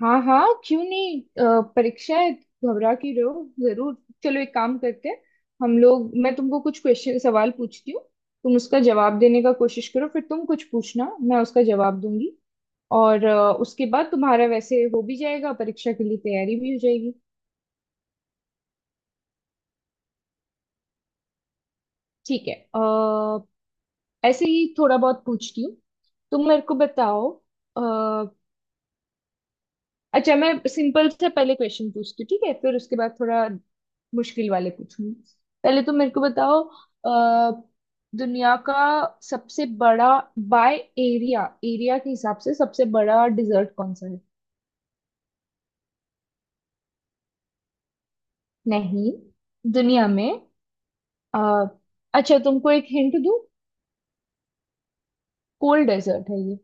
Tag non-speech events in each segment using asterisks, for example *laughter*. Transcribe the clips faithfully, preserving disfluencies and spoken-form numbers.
हाँ हाँ, क्यों नहीं। अ, परीक्षा है। घबरा के रहो जरूर। चलो, एक काम करते हैं। हम लोग मैं तुमको कुछ क्वेश्चन सवाल पूछती हूँ। तुम उसका जवाब देने का कोशिश करो, फिर तुम कुछ पूछना मैं उसका जवाब दूंगी। और अ, उसके बाद तुम्हारा वैसे हो भी जाएगा, परीक्षा के लिए तैयारी भी हो जाएगी। ठीक है। अ, ऐसे ही थोड़ा बहुत पूछती हूँ। तुम मेरे को बताओ। अच्छा, मैं सिंपल से पहले क्वेश्चन पूछती हूँ, ठीक है? फिर उसके बाद थोड़ा मुश्किल वाले पूछूंगी। पहले तो मेरे को बताओ, अ, दुनिया का सबसे बड़ा, बाय एरिया, एरिया के हिसाब से सबसे बड़ा डिजर्ट कौन सा है? नहीं, दुनिया में। अ, अच्छा, तुमको एक हिंट दूँ, कोल्ड डेजर्ट है ये।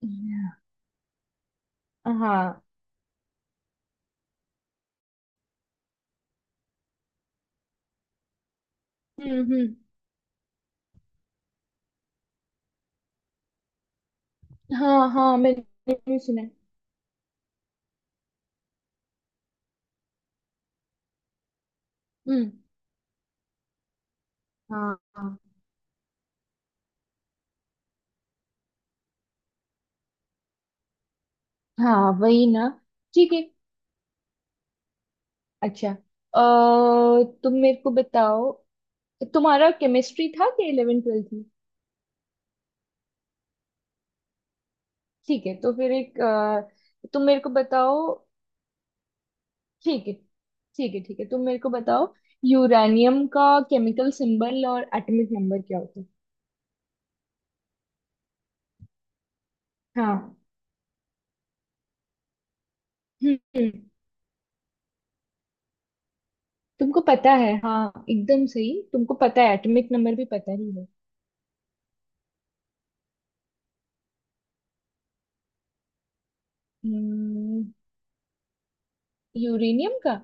Yeah. हाँ। हम्म हम्म। हाँ हाँ, मैंने भी सुना है। हम्म। हाँ हाँ हाँ, वही ना। ठीक है। अच्छा, अ, तुम मेरे को बताओ, तुम्हारा केमिस्ट्री था कि इलेवेंथ ट्वेल्थ में? ठीक है, तो फिर एक अ, तुम मेरे को बताओ। ठीक है ठीक है ठीक है, तुम मेरे को बताओ, यूरेनियम का केमिकल सिंबल और एटॉमिक नंबर क्या होता है? हाँ। हम्म हम्म। तुमको पता है, हाँ एकदम सही। तुमको पता है एटॉमिक नंबर भी पता ही है। हम्म। यूरेनियम का।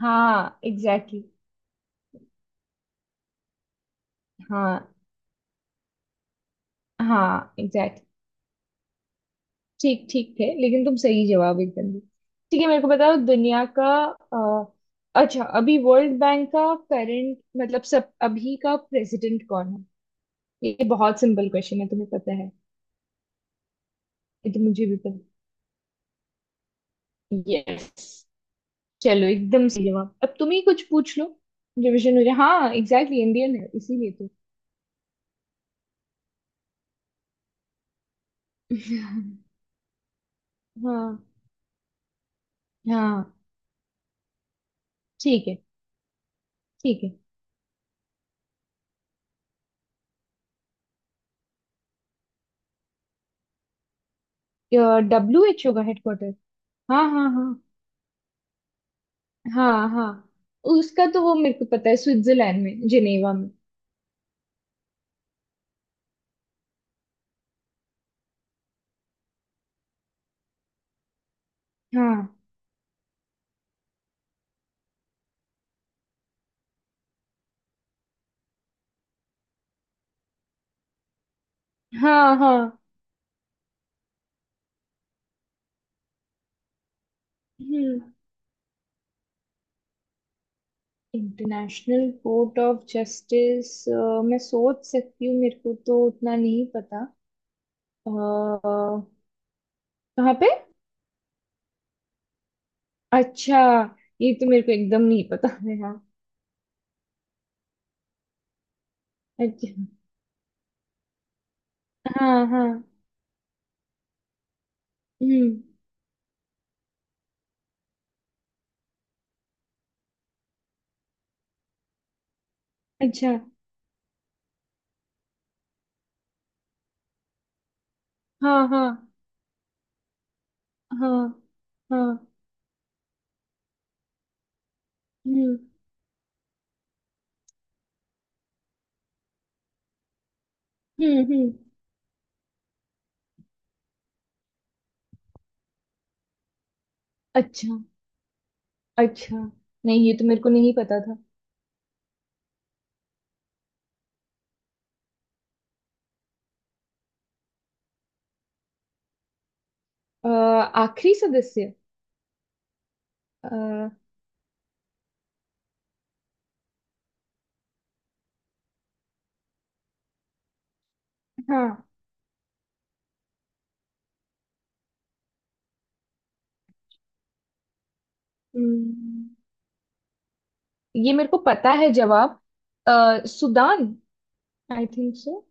हाँ एग्जैक्टली, exactly. हाँ हाँ एग्जैक्टली। ठीक ठीक थे, लेकिन तुम सही जवाब एकदम दिए। ठीक है, मेरे को बताओ दुनिया का अ, अच्छा, अभी वर्ल्ड बैंक का करंट, मतलब सब अभी का प्रेसिडेंट कौन है? ये बहुत सिंपल क्वेश्चन है, तुम्हें पता है। ये तो मुझे भी पता। यस। चलो, एकदम सही जवाब। अब तुम ही कुछ पूछ लो। रिविजन हो जाए। हाँ एग्जैक्टली, इंडियन है इसीलिए तो। *laughs* हाँ हाँ। ठीक है, ठीक है। डब्ल्यू एच ओ का हेडक्वार्टर? हाँ हाँ हाँ। हाँ हाँ, उसका तो वो मेरे को पता है, स्विट्जरलैंड में, जिनेवा में। हाँ हाँ हाँ। हम्म। इंटरनेशनल कोर्ट ऑफ जस्टिस, मैं सोच सकती हूँ, मेरे को तो उतना नहीं पता। अ, कहाँ पे? अच्छा, ये तो मेरे को एकदम नहीं पता है। हाँ। अच्छा। हाँ हाँ। हम्म। अच्छा। हाँ हाँ। हाँ हाँ। हम्म हम्म। हम्म। अच्छा। अच्छा, नहीं ये तो मेरे को नहीं पता था। अ, आखिरी सदस्य? अ, हाँ। हम्म, ये मेरे को पता है जवाब। अ, Sudan. I think so.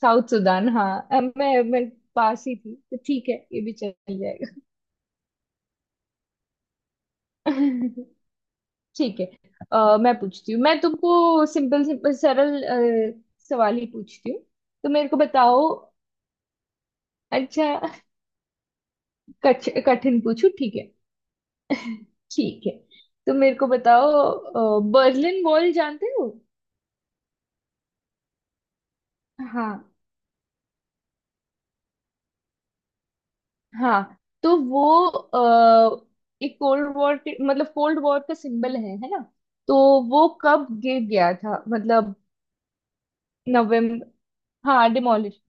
South Sudan. हाँ, अ, मैं मैं पास ही थी, तो ठीक है ये भी चल जाएगा। *laughs* ठीक है। अ, मैं पूछती हूँ, मैं तुमको सिंपल सिंपल सरल अ, सवाल ही पूछती हूँ। तो मेरे को बताओ। अच्छा, कठ, कठिन पूछू? ठीक है, ठीक है। तो मेरे को बताओ, अ, बर्लिन वॉल जानते हो? हाँ हाँ। तो वो अ, एक कोल्ड वॉर के, मतलब कोल्ड वॉर का सिंबल है है ना? तो वो कब गिर गया था मतलब? नवंबर। हाँ, डिमोलिश।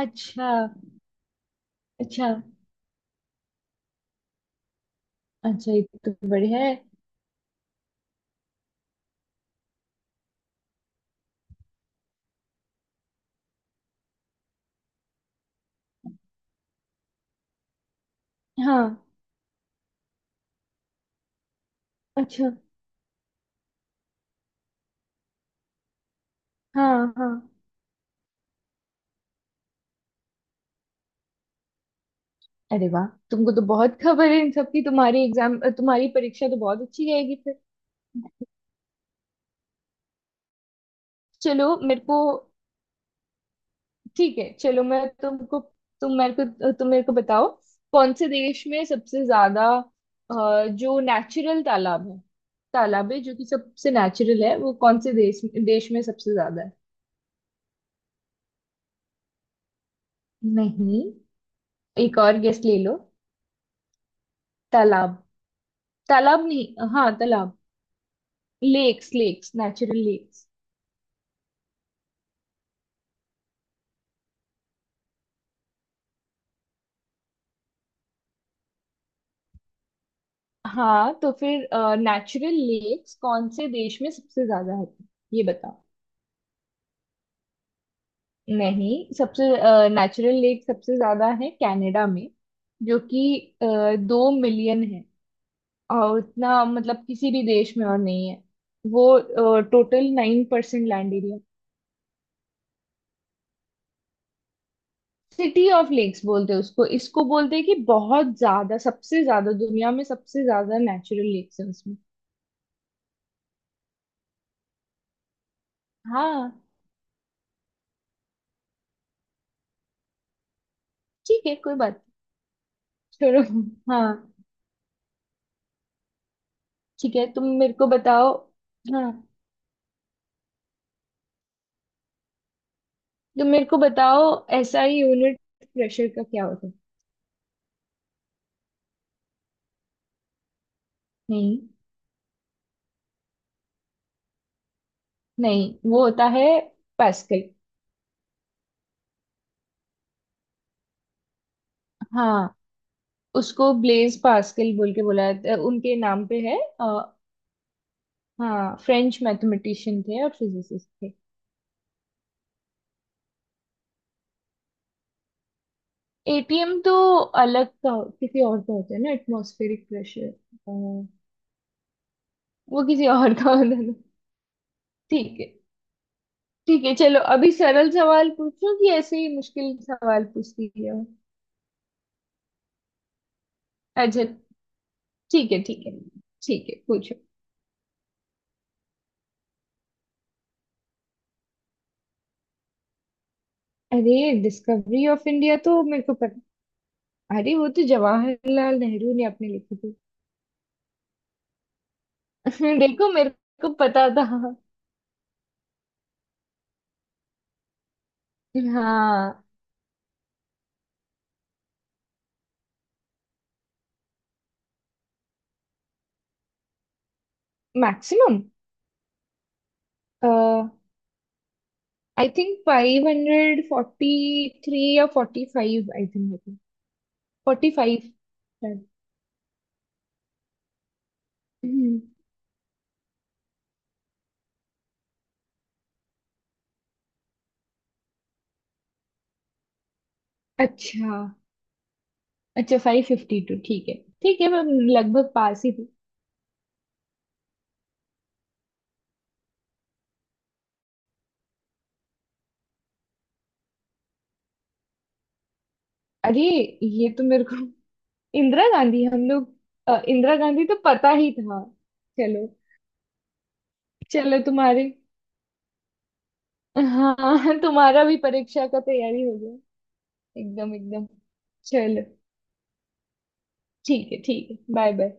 अच्छा। अच्छा। अच्छा, ये तो बढ़िया है। हाँ। अच्छा। हाँ हाँ। अरे वाह, तुमको तो बहुत खबर है इन सबकी, तुम्हारी एग्जाम, तुम्हारी परीक्षा तो बहुत अच्छी जाएगी फिर। चलो, मेरे को ठीक है। चलो, मैं तुमको तुम मेरे को तुम मेरे को बताओ, कौन से देश में सबसे ज्यादा अ, जो नेचुरल तालाब है, तालाब है जो कि सबसे नेचुरल है, वो कौन से देश देश में सबसे ज्यादा है? नहीं, एक और गेस ले लो। तालाब। तालाब नहीं, हाँ तालाब, लेक्स लेक्स नेचुरल लेक्स। हाँ, तो फिर नेचुरल लेक्स कौन से देश में सबसे ज्यादा है, ये बताओ। नहीं, सबसे नेचुरल लेक सबसे ज्यादा है कनाडा में, जो कि अ, दो मिलियन है। और उतना मतलब किसी भी देश में और नहीं है। वो total nine percent land area. City of lakes बोलते हैं उसको, इसको बोलते हैं कि बहुत ज्यादा, सबसे ज्यादा दुनिया में सबसे ज्यादा नेचुरल लेक्स है उसमें। हाँ। ठीक है, कोई बात नहीं, छोड़ो। हाँ। ठीक है, तुम मेरे को बताओ। हाँ, तुम मेरे को बताओ, एसआई यूनिट प्रेशर का क्या होता है? नहीं, नहीं वो होता है पास्कल। हाँ, उसको ब्लेज पास्कल बोल के बुलाया जाता है। उनके नाम पे है। अ, हाँ, फ्रेंच मैथमेटिशियन थे और फिजिसिस्ट थे। एटीएम तो अलग का, किसी और का होता है ना एटमॉस्फेरिक प्रेशर, वो किसी और का होता है। ठीक है, ठीक है। चलो, अभी सरल सवाल पूछूं कि ऐसे ही मुश्किल सवाल पूछती है? अच्छा। ठीक है, ठीक है। ठीक है, पूछो। अरे, डिस्कवरी ऑफ इंडिया तो मेरे को पता। अरे, वो तो जवाहरलाल नेहरू ने अपने लिखी थी। *laughs* देखो, मेरे को पता था। हाँ। Maximum? I think five hundred forty three या फोर्टी फाइव, आई थिंक होती। फोर्टी फाइव शायद। हम्म। अच्छा, अच्छा फाइव फिफ्टी टू ठीक है। ठीक है, मैं लगभग पास ही थी। अरे, ये तो मेरे को *laughs* इंदिरा गांधी। हम लोग। अ, इंदिरा गांधी तो पता ही था। चलो। चलो, तुम्हारे। हाँ, *laughs* तुम्हारा भी परीक्षा का तैयारी हो। एकदम एकदम। चलो। ठीक है, ठीक है, बाय बाय।